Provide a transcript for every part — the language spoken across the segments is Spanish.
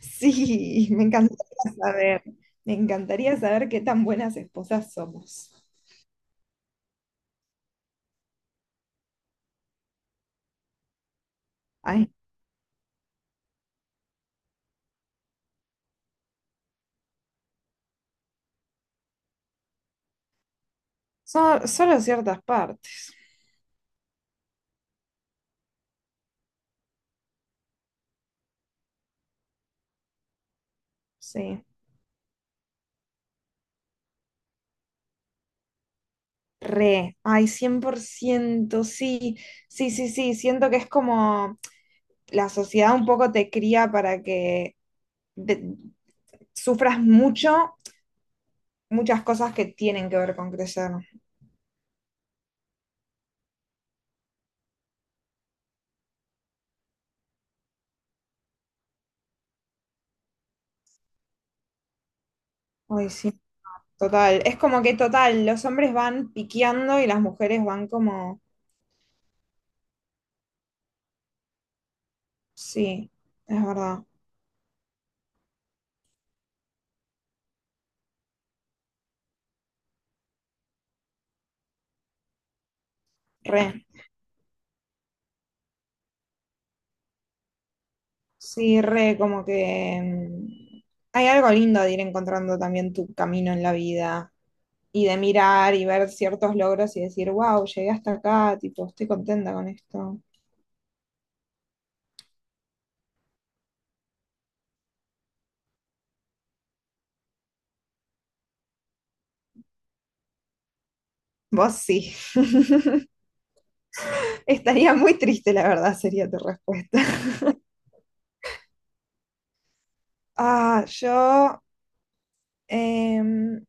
Sí, saber, me encantaría saber qué tan buenas esposas somos. Ay, solo ciertas partes, sí. Re, ay, 100% sí, sí, sí, sí, siento que es como la sociedad un poco te cría para que de- sufras mucho, muchas cosas que tienen que ver con crecer. Ay, sí, total, es como que total, los hombres van piqueando y las mujeres van como, sí, es verdad, re. Sí, re, como que hay algo lindo de ir encontrando también tu camino en la vida y de mirar y ver ciertos logros y decir, wow, llegué hasta acá, tipo, estoy contenta con esto. Vos sí. Estaría muy triste, la verdad, sería tu respuesta. Ah, em,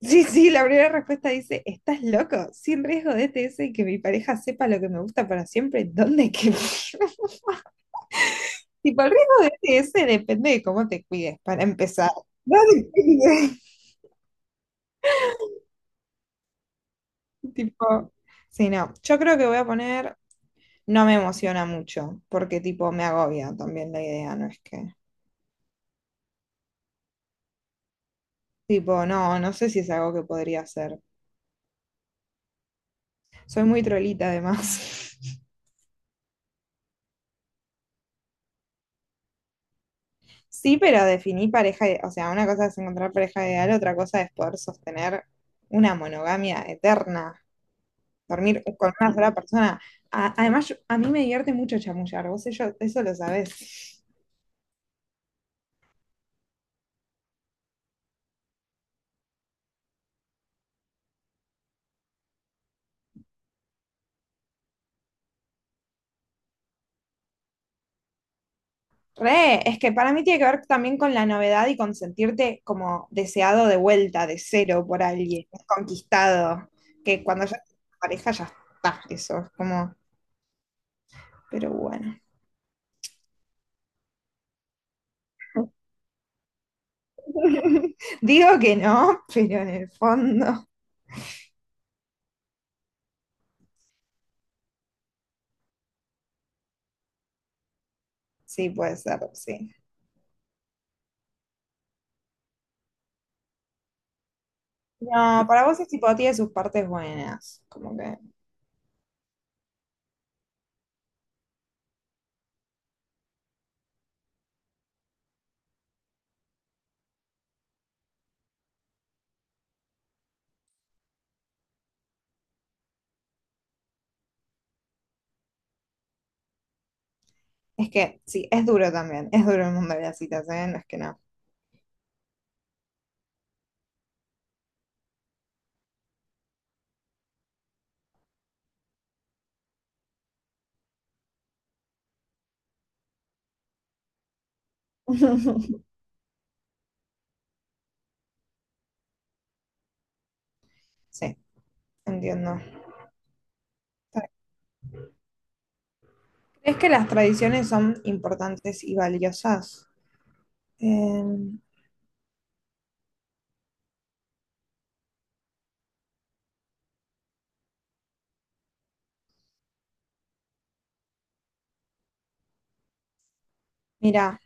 sí, sí, la primera respuesta dice, ¿estás loco? Sin riesgo de ETS y que mi pareja sepa lo que me gusta para siempre, Tipo, el riesgo de ese depende de cómo te cuides, para empezar. No te cuides. Tipo, sí, no. Yo creo que voy a poner, no me emociona mucho, porque tipo me agobia también la idea, no es que. Tipo, no, no sé si es algo que podría hacer. Soy muy trolita además. Sí, pero definí pareja, o sea, una cosa es encontrar pareja ideal, otra cosa es poder sostener una monogamia eterna, dormir con una sola persona. Además, a mí me divierte mucho chamullar, vos eso lo sabés. Re, es que para mí tiene que ver también con la novedad y con sentirte como deseado de vuelta, de cero por alguien, conquistado, que cuando ya tienes una pareja ya está, eso es como, pero bueno. Digo que no, pero en el fondo sí puede ser, sí. No, para vos es tipo, tiene sus partes buenas, como que, es que sí, es duro también, es duro el mundo de las citas, ¿eh? No es que no. Sí, entiendo. ¿Crees que las tradiciones son importantes y valiosas? Eh, Mira,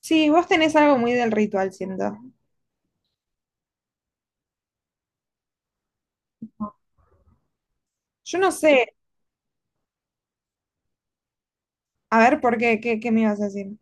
sí, vos tenés algo muy del ritual, siento. Yo no sé, a ver, ¿por qué? ¿Qué me ibas a decir?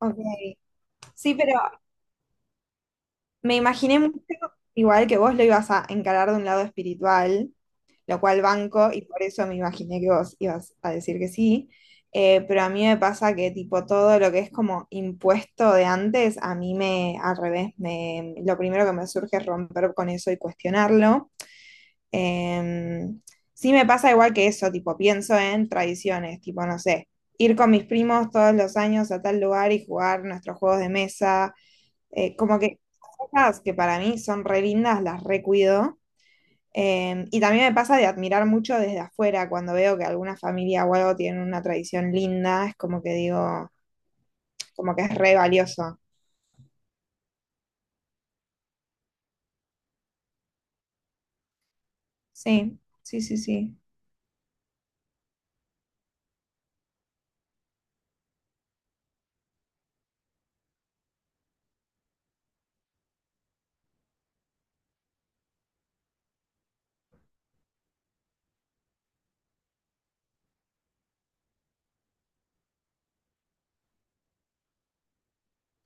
Ok, sí, pero me imaginé mucho, igual que vos lo ibas a encarar de un lado espiritual. Lo cual banco y por eso me imaginé que vos ibas a decir que sí. Pero a mí me pasa que tipo todo lo que es como impuesto de antes, a mí me, al revés, me, lo primero que me surge es romper con eso y cuestionarlo. Eh, sí me pasa igual que eso, tipo pienso en tradiciones, tipo no sé, ir con mis primos todos los años a tal lugar y jugar nuestros juegos de mesa, como que cosas que para mí son re lindas, las recuido y también me pasa de admirar mucho desde afuera, cuando veo que alguna familia o algo tiene una tradición linda, es como que digo, como que es re valioso. Sí, sí, sí, sí.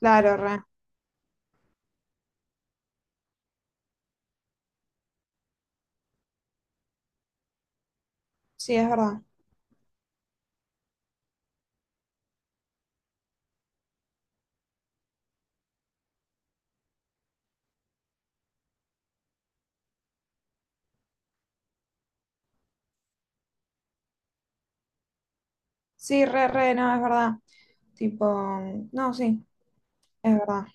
Claro, re. Sí, es verdad. Sí, re, re, no, es verdad. Tipo, no, sí, es verdad.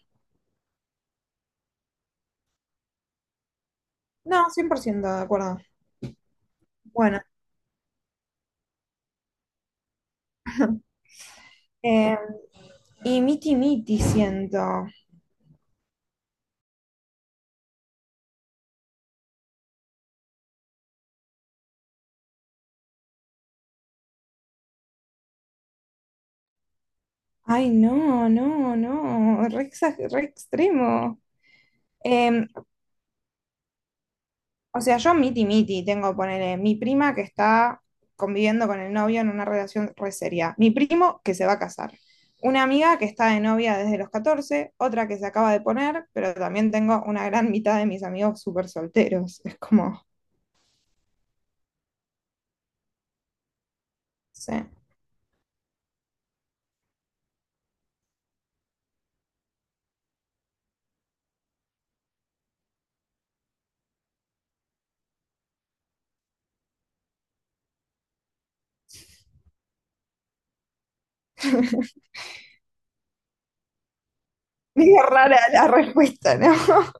No, 100% de acuerdo. Bueno, eh, y miti miti siento. Ay, no, no, no, re, re extremo. Em, O sea, yo miti miti tengo, ponele, mi prima que está conviviendo con el novio en una relación re seria, mi primo que se va a casar, una amiga que está de novia desde los 14, otra que se acaba de poner, pero también tengo una gran mitad de mis amigos súper solteros. Es como, no. Medio rara la respuesta, ¿no?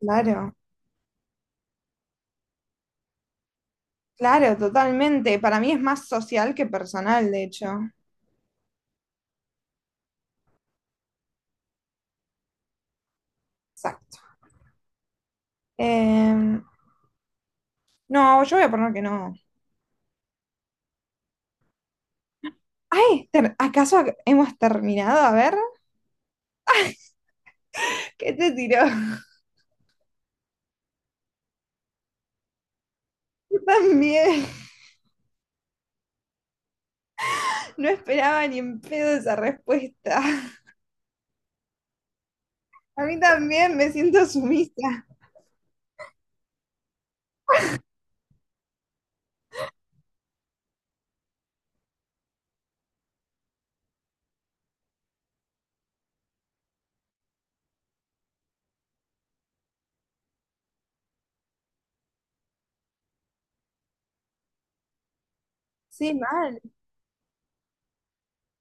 Claro, claro, totalmente. Para mí es más social que personal, de hecho. Exacto. Em, no, yo voy a poner que no. Ay, ¿acaso hemos terminado? A ver. ¿Qué te tiró? Yo también. No esperaba ni en pedo esa respuesta. A mí también me siento sumisa. Sí, mal.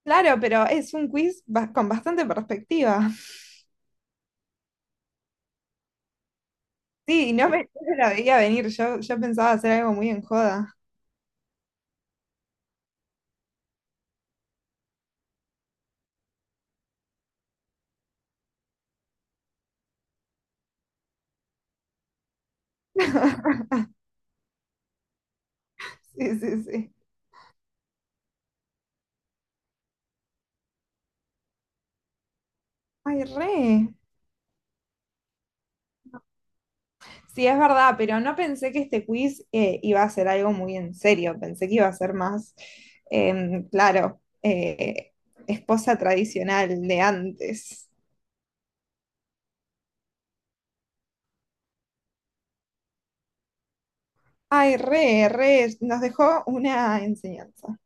Claro, pero es un quiz con bastante perspectiva. Sí, no me la veía venir. Yo pensaba hacer algo muy en joda. Sí, sí, sí. Ay, re. Sí, es verdad, pero no pensé que este quiz iba a ser algo muy en serio. Pensé que iba a ser más, claro, esposa tradicional de antes. Ay, re, re, nos dejó una enseñanza.